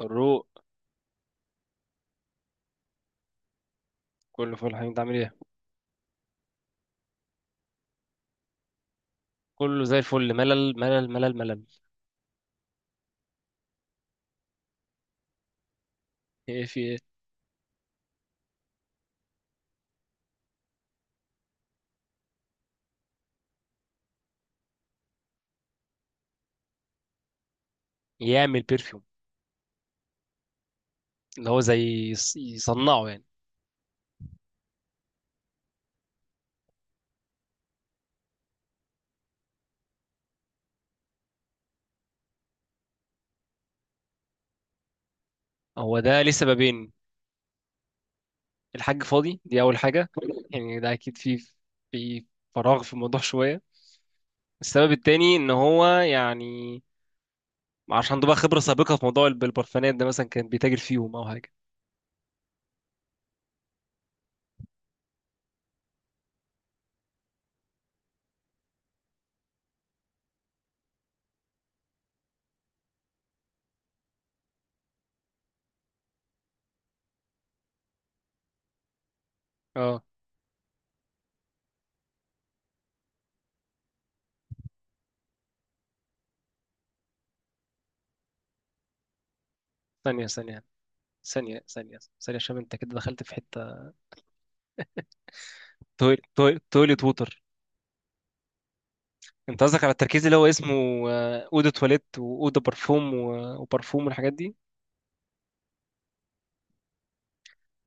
الروق. كله فل الحمد، انت عامل ايه؟ كله زي الفل. ملل ملل ملل ملل. ايه، في ايه؟ يعمل بيرفيوم. اللي هو زي يصنعه يعني؟ هو ده ليه سببين. الحاج فاضي، دي اول حاجه. يعني ده اكيد في في فراغ في الموضوع شويه. السبب التاني ان هو يعني عشان عنده بقى خبره سابقه في موضوع البرفانات ده، مثلا كان بيتاجر فيهم او حاجه. اه. ثانيه ثانيه ثانيه ثانيه ثانيه، عشان انت كده دخلت في حته. تويلت، تويلت ووتر. انت قصدك على التركيز اللي هو اسمه اودو تواليت، واودو برفوم وبرفوم والحاجات دي.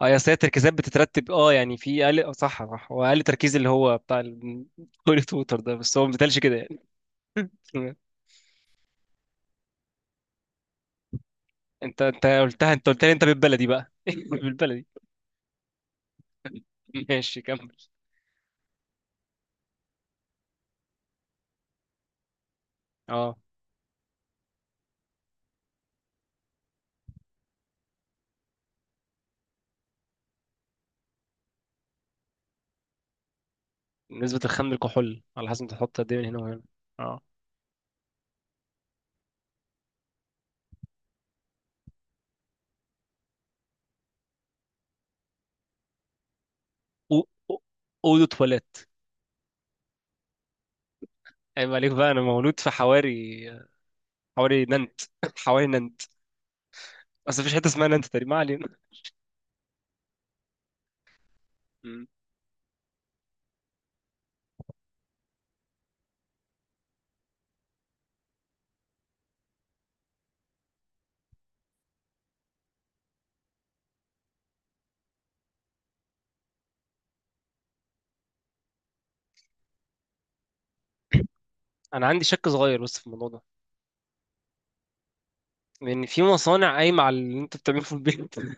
اه يا ساتر، التركيزات بتترتب، اه يعني في اقل، صح صح، هو اقل تركيز اللي هو بتاع التواليت ووتر ده بس هو ما بيتقالش كده يعني. انت قلتها، انت قلت لي انت بالبلدي بقى بالبلدي. ماشي، كمل. اه، نسبة الخام للكحول، على حسب انت تحط قد ايه من هنا وهنا. اه. او او- اودو تواليت. عيب عليك بقى، انا مولود في حواري. حواري نانت حواري نانت. اصل مفيش حته اسمها نانت تقريبا، ما علينا. انا عندي شك صغير بس في الموضوع ده. لان في مصانع قايمه على اللي انت بتعمله في البيت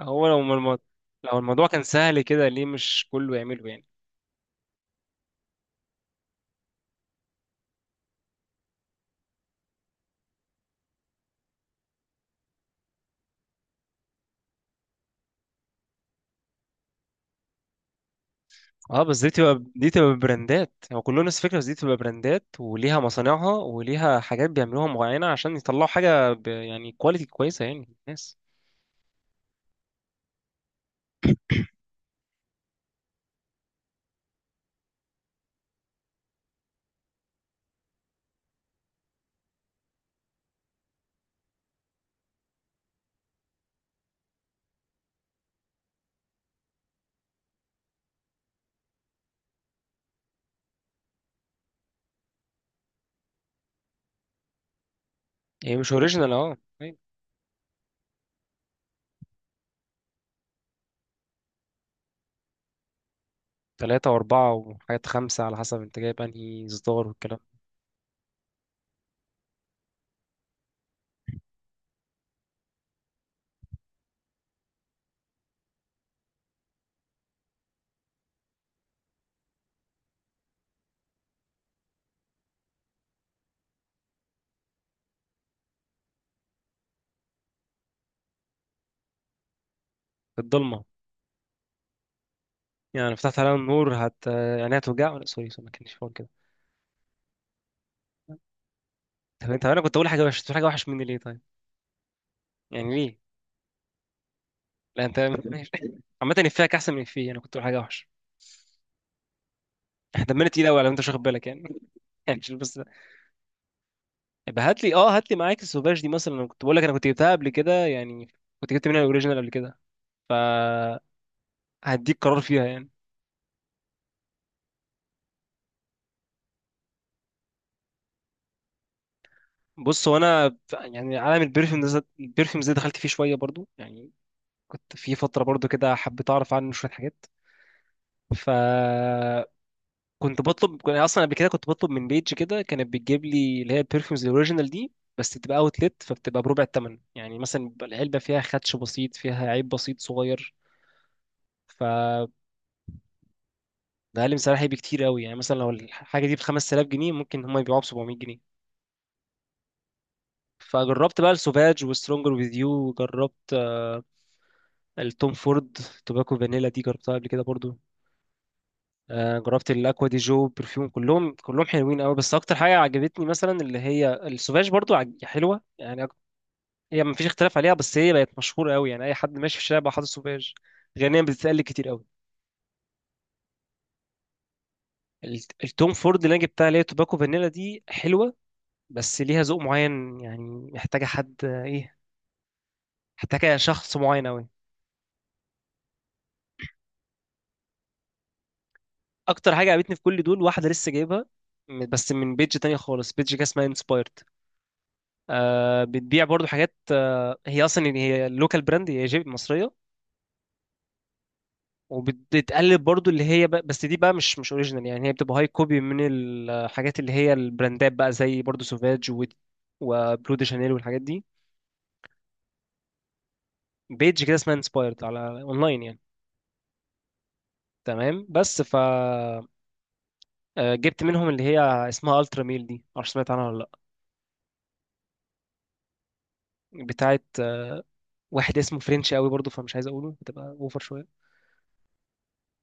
هو لو لو الموضوع كان سهل كده، ليه مش كله يعمله يعني؟ اه بس دي تبقى، دي تبقى براندات، هو يعني كله نفس الفكره، بس دي تبقى براندات وليها مصانعها وليها حاجات بيعملوها معينه، عشان يطلعوا حاجه ب، يعني كواليتي كويسه يعني الناس. هي مش اوريجينال، اه أيوة. تلاتة وأربعة وحاجات خمسة، على حسب أنت جايب أنهي إصدار والكلام. الضلمة؟ يعني لو فتحت عليها النور هت، يعني هتوجع؟ ولا سوري سوري، ما كانش فاضي. طب انت انا كنت اقول حاجه وحش، تقول حاجه وحش مني ليه طيب؟ يعني ليه؟ لا انت ماشي. عامه افيهك احسن من افيه انا كنت اقول حاجه وحش. احنا دمنا تقيل قوي لو انت مش واخد بالك يعني يعني مش بس. يبقى هات لي، اه، هات لي معاك السوفاج دي مثلا، انا كنت بقول لك انا كنت جبتها قبل كده يعني. كنت جبت منها الاوريجينال قبل كده، فهديك قرار فيها يعني. بص، هو انا يعني عالم البرفيوم ده، البرفيوم ده دخلت فيه شويه برضو يعني. كنت في فتره برضو كده حبيت اعرف عنه شويه حاجات. ف، كنت بطلب، كنت اصلا قبل كده كنت بطلب من بيج كده، كانت بتجيب لي اللي هي البرفيومز الاوريجينال دي. بس بتبقى اوتلت، فبتبقى بربع الثمن. يعني مثلا بيبقى العلبه فيها خدش بسيط، فيها عيب بسيط صغير، فبقلل سعرها بكتير قوي. يعني مثلا لو الحاجه دي ب 5000 جنيه، ممكن هم يبيعوها ب 700 جنيه. فجربت بقى السوفاج وسترونجر وذ يو، جربت التوم فورد. توباكو فانيلا دي جربتها قبل كده برضو. جربت الاكوا دي جو برفيوم، كلهم كلهم حلوين قوي. بس اكتر حاجه عجبتني مثلا اللي هي السوفاج، برضو حلوه يعني. هي مفيش اختلاف عليها، بس هي بقت مشهورة قوي، يعني أي حد ماشي في الشارع بقى حاطط سوفيج. غنيا بتتقال كتير قوي. التوم فورد اللي أنا جبتها اللي هي توباكو فانيلا دي حلوة. بس ليها ذوق معين، يعني محتاجة حد، إيه، محتاجة شخص معين قوي. أكتر حاجة عجبتني في كل دول، واحدة لسه جايبها بس من بيج تانية خالص، بيج كده اسمها انسبايرد. آه، بتبيع برضو حاجات، آه، هي أصلا يعني هي لوكال براند، هي جيب مصرية. وبتقلد برضو اللي هي بقى، بس دي بقى مش اوريجينال، يعني هي بتبقى هاي كوبي من الحاجات اللي هي البراندات بقى، زي برضو سوفاج و، وبلو دي شانيل والحاجات دي. بيج كده اسمها انسبايرد على اونلاين يعني. تمام، بس ف جبت منهم اللي هي اسمها الترا ميل دي، معرفش سمعت عنها ولا. لا، بتاعت، واحد اسمه فرنش قوي برضو، فمش عايز اقوله، بتبقى اوفر شويه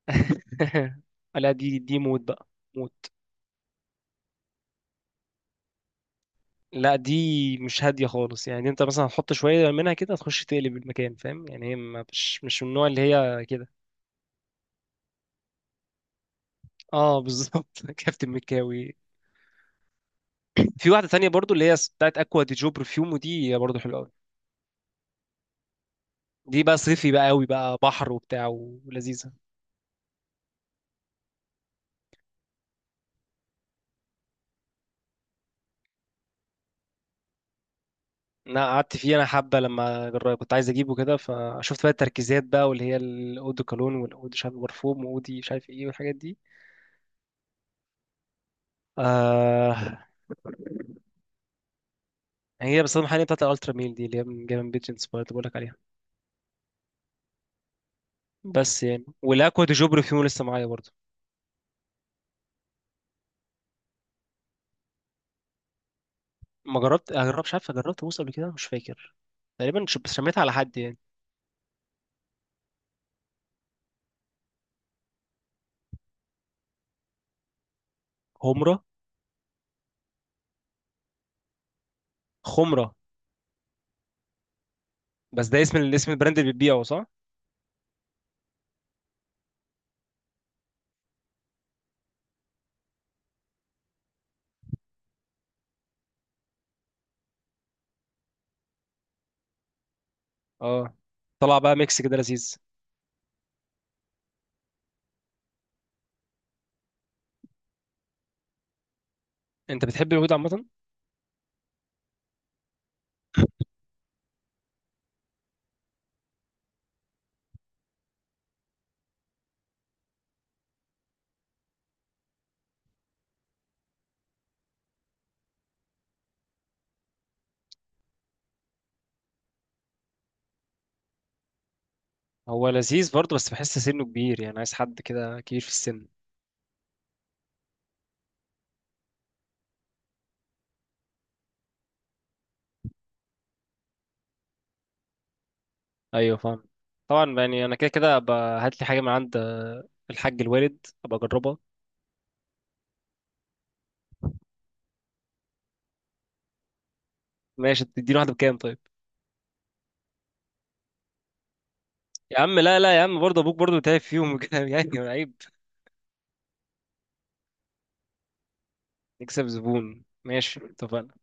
لا دي، دي موت بقى. لا دي مش هاديه خالص. يعني انت مثلا هتحط شويه منها كده، تخش تقلب المكان، فاهم يعني؟ هي مش من النوع اللي هي كده. اه بالظبط كابتن مكاوي. في واحده تانية برضو اللي هي بتاعت اكوا دي جو برفيوم، ودي برضو حلوه قوي. دي بقى صيفي بقى قوي بقى، بحر وبتاع ولذيذه. انا قعدت فيه انا حبه، لما كنت عايز اجيبه كده، فشفت بقى التركيزات بقى، واللي هي الاو دي كولون، والاو دي مش عارف برفوم، واو دي مش عارف ايه، والحاجات دي. آه. هي بس المحل بتاعت الالترا ميل دي، اللي هي من جيم بيج انسبايرد، بقول لك عليها. بس يعني، والاكوا دي جوبري فيهم لسه معايا برضه. ما جربت اجرب، مش عارف، جربت بوس قبل كده مش فاكر، تقريبا بس شميتها على حد يعني. خمره. خمره؟ بس ده اسم اسم البراند اللي بتبيعه، صح؟ اه، طلع بقى ميكس كده لذيذ. انت بتحب اليهود عامه. هو لذيذ برضه، بس بحس سنه كبير، يعني عايز حد كده كبير في السن. ايوه، فاهم. طبعا يعني انا كده كده، أبقى هات لي حاجه من عند الحاج الوالد ابقى اجربها. ماشي، تديني واحده بكام طيب؟ يا عم لا لا يا عم، برضه ابوك برضه تعب فيهم وكده، يعني عيب. نكسب زبون، ماشي اتفقنا.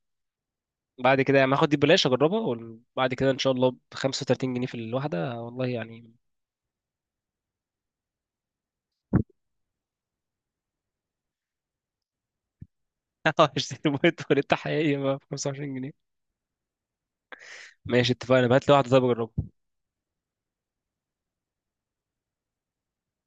بعد كده يعني هاخد دي ببلاش اجربها، وبعد كده ان شاء الله ب 35 جنيه في الواحده، والله يعني. هشتري موبايل تواليت حقيقي ب 25 جنيه. ماشي اتفقنا، بهات لي واحده طيب اجربها.